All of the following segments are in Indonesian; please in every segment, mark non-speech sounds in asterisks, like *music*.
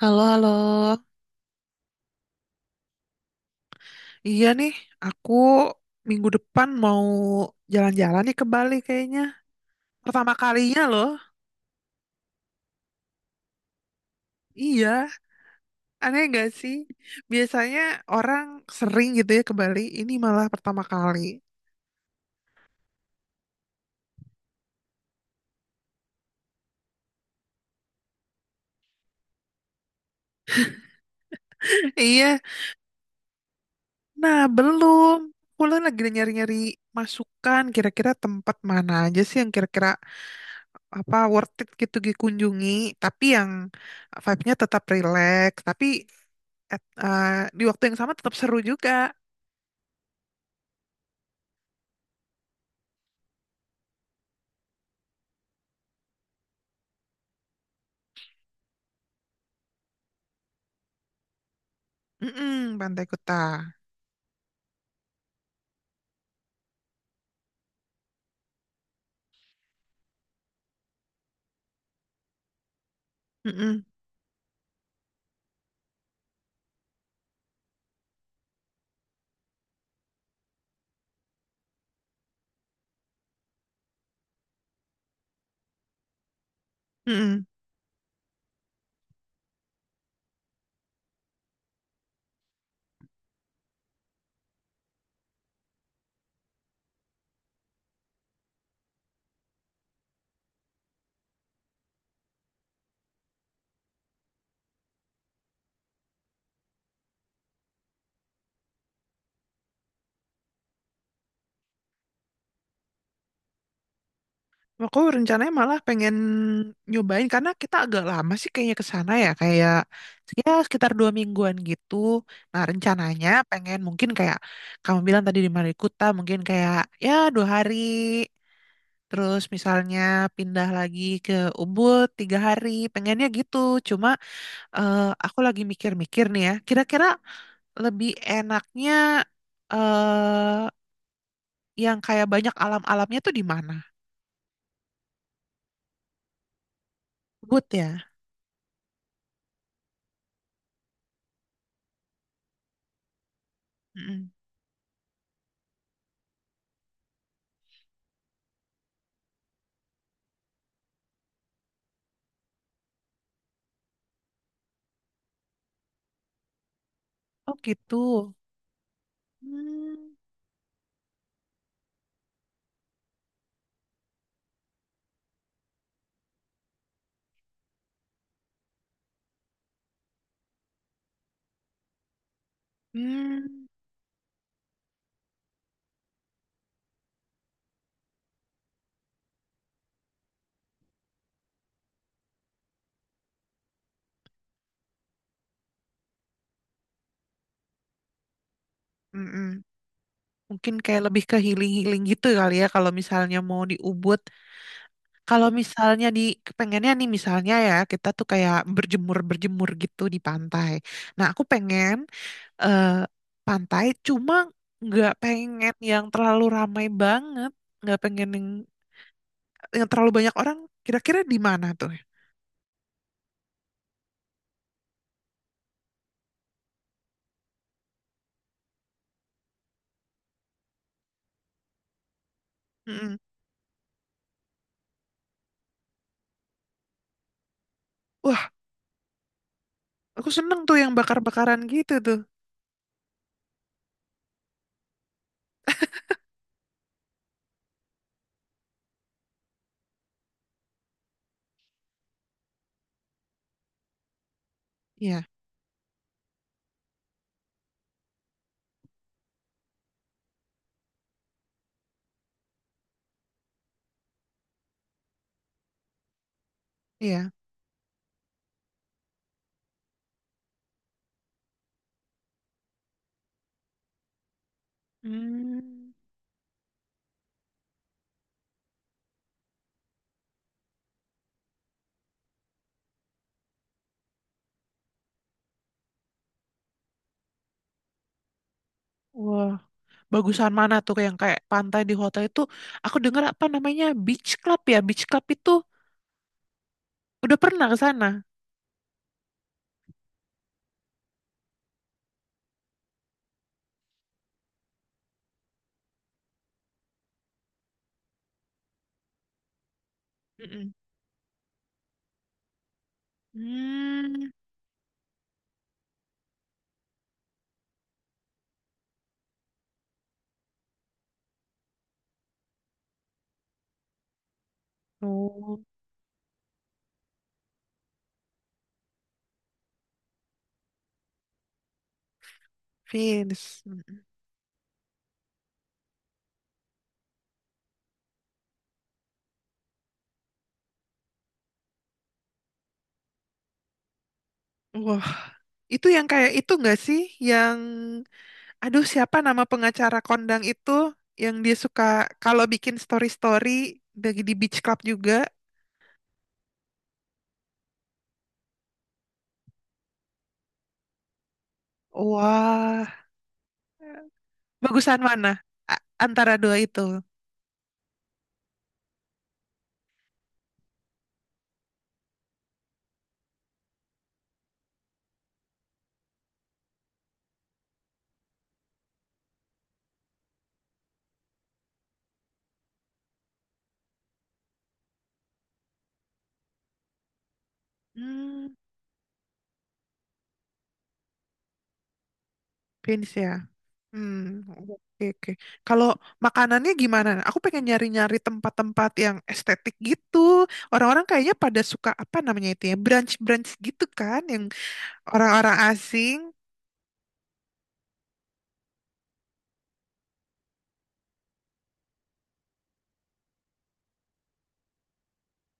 Halo, halo. Iya nih, aku minggu depan mau jalan-jalan nih ke Bali kayaknya. Pertama kalinya loh. Iya, aneh nggak sih? Biasanya orang sering gitu ya ke Bali, ini malah pertama kali. Iya, nah belum. Pulang lagi nyari-nyari masukan, kira-kira tempat mana aja sih yang kira-kira apa worth it gitu dikunjungi, tapi yang vibe-nya tetap relax, tapi at- eh, di waktu yang sama tetap seru juga. Mm-mm, Pantai Kuta. Mm-mm, mm-mm. Aku rencananya malah pengen nyobain karena kita agak lama sih kayaknya ke sana ya kayak ya sekitar 2 mingguan gitu. Nah, rencananya pengen mungkin kayak kamu bilang tadi di Kuta mungkin kayak ya 2 hari. Terus misalnya pindah lagi ke Ubud 3 hari. Pengennya gitu. Cuma eh, aku lagi mikir-mikir nih ya. Kira-kira lebih enaknya. eh yang kayak banyak alam-alamnya tuh di mana? Ubud ya? Mm-mm. Oh gitu. Hmm. Hmm. Mm-mm. Mungkin kayak lebih ke healing-healing gitu kali ya kalau misalnya mau di Ubud. Kalau misalnya di pengennya nih misalnya ya kita tuh kayak berjemur-berjemur gitu di pantai. Nah, aku pengen eh, pantai cuma nggak pengen yang terlalu ramai banget, nggak pengen yang terlalu banyak orang. Kira-kira di mana tuh? Mm-mm. Wah, aku seneng tuh yang bakar-bakaran gitu tuh. Iya, iya. Hmm. Wah, bagusan mana tuh yang kayak pantai di hotel itu? Aku dengar apa namanya beach club ya? Beach club itu udah pernah ke sana. Mm-mm. Hmm. Oh, Vince. Wah, itu yang kayak itu nggak sih? Yang, aduh siapa nama pengacara kondang itu? Yang dia suka kalau bikin story-story dari di beach club juga. Wah. Bagusan mana? Antara dua itu. Hmm, Vince ya. Hmm, oke, oke. Kalau makanannya gimana? Aku pengen nyari-nyari tempat-tempat yang estetik gitu. Orang-orang kayaknya pada suka apa namanya itu ya, brunch-brunch gitu kan, yang orang-orang asing.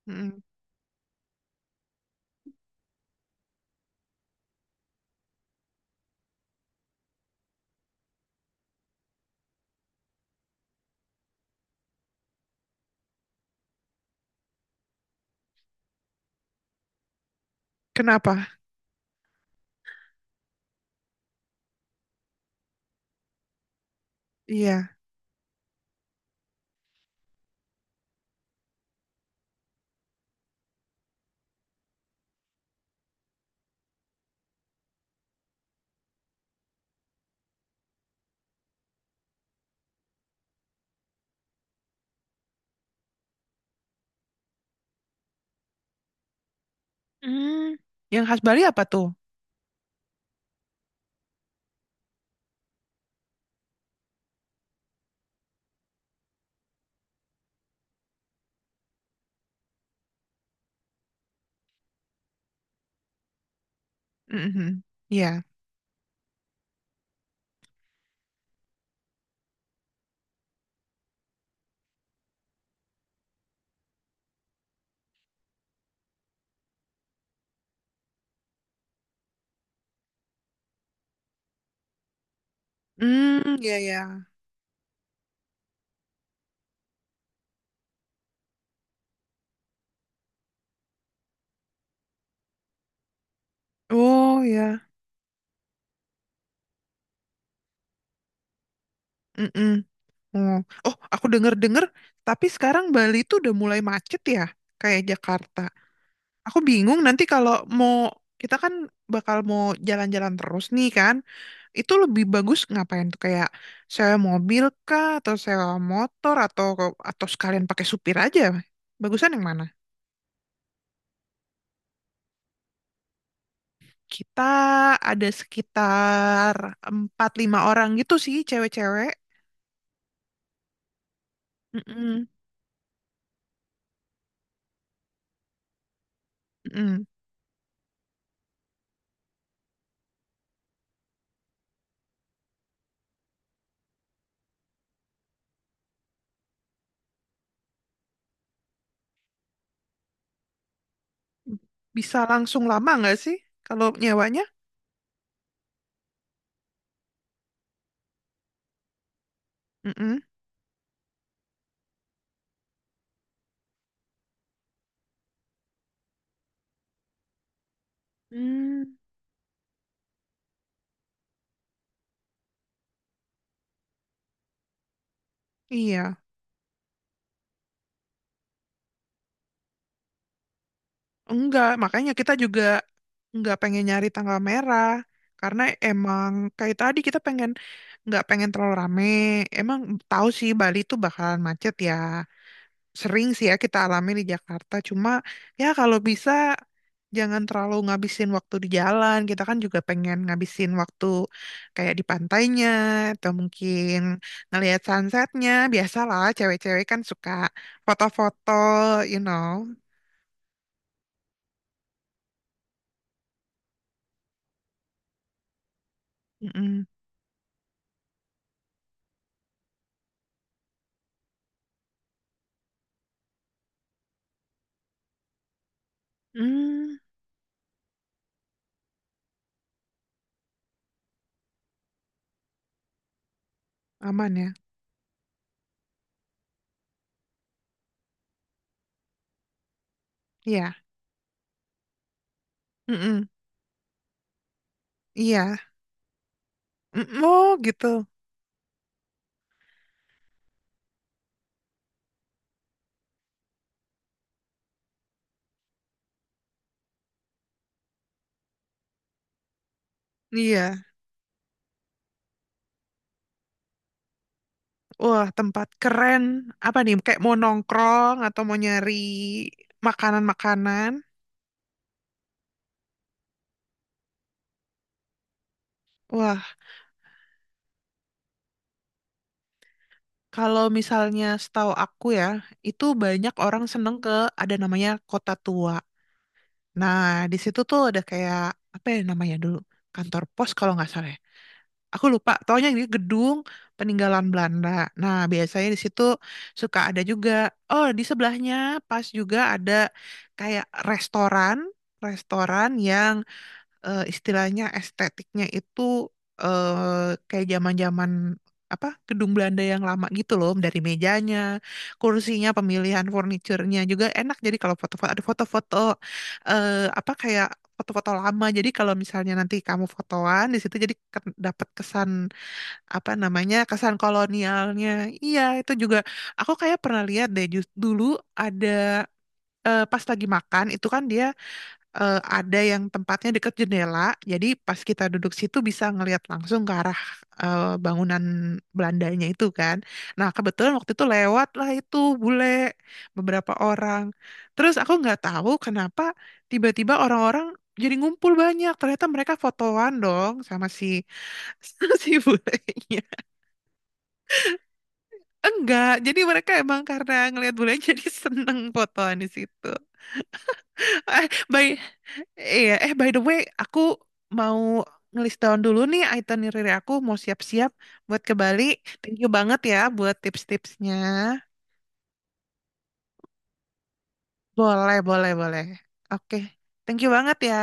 Mm, Kenapa? Iya. Hmm, yang khas Bali apa tuh? Mhm. Iya. Hmm, iya ya. Oh ya. Mm-mm. Oh, oh, aku denger-denger, tapi sekarang Bali itu udah mulai macet ya, kayak Jakarta. Aku bingung nanti kalau mau, kita kan bakal mau jalan-jalan terus nih kan, itu lebih bagus ngapain tuh kayak sewa mobil kah, atau sewa motor, atau sekalian pakai supir aja. Bagusan yang mana? Kita ada sekitar empat lima orang gitu sih, cewek-cewek. Mm-mm. Mm-mm. Bisa langsung lama nggak sih kalau nyewanya? Mm-mm. Hmm, iya, enggak. Makanya kita juga enggak pengen nyari tanggal merah karena emang kayak tadi kita pengen enggak pengen terlalu rame. Emang tahu sih Bali itu bakalan macet ya. Sering sih ya kita alami di Jakarta. Cuma ya kalau bisa jangan terlalu ngabisin waktu di jalan. Kita kan juga pengen ngabisin waktu kayak di pantainya atau mungkin ngelihat sunsetnya. Biasalah cewek-cewek kan suka foto-foto, you know. Mm-mm. Hmm, aman ya. Iya. Mm-mm. Iya. Mm, oh gitu. Iya. Wah, tempat keren. Apa nih? Kayak mau nongkrong atau mau nyari makanan-makanan. Wah, kalau misalnya setahu aku ya, itu banyak orang seneng ke ada namanya Kota Tua. Nah, di situ tuh ada kayak apa ya namanya dulu? Kantor pos kalau nggak salah ya. Aku lupa, taunya ini gedung peninggalan Belanda. Nah, biasanya di situ suka ada juga. Oh, di sebelahnya pas juga ada kayak restoran, restoran yang istilahnya estetiknya itu eh, kayak zaman-zaman apa gedung Belanda yang lama gitu loh dari mejanya, kursinya, pemilihan furniturnya juga enak. Jadi kalau foto-foto ada foto-foto eh, apa kayak foto-foto lama. Jadi kalau misalnya nanti kamu fotoan di situ jadi dapat kesan apa namanya kesan kolonialnya. Iya itu juga aku kayak pernah lihat deh dulu ada pas lagi makan itu kan dia ada yang tempatnya dekat jendela, jadi pas kita duduk situ bisa ngelihat langsung ke arah bangunan Belandanya itu kan. Nah, kebetulan waktu itu lewat lah itu bule beberapa orang. Terus aku nggak tahu kenapa tiba-tiba orang-orang jadi ngumpul banyak. Ternyata mereka fotoan dong sama si *laughs* si bulenya. Enggak, jadi mereka emang karena ngelihat bule *laughs* jadi seneng fotoan di situ. Eh, by iya, eh by the way, aku mau ngelis down dulu nih itinerary aku mau siap-siap buat ke Bali. Thank you banget ya buat tips-tipsnya. Boleh, boleh, boleh. Oke, thank you banget ya.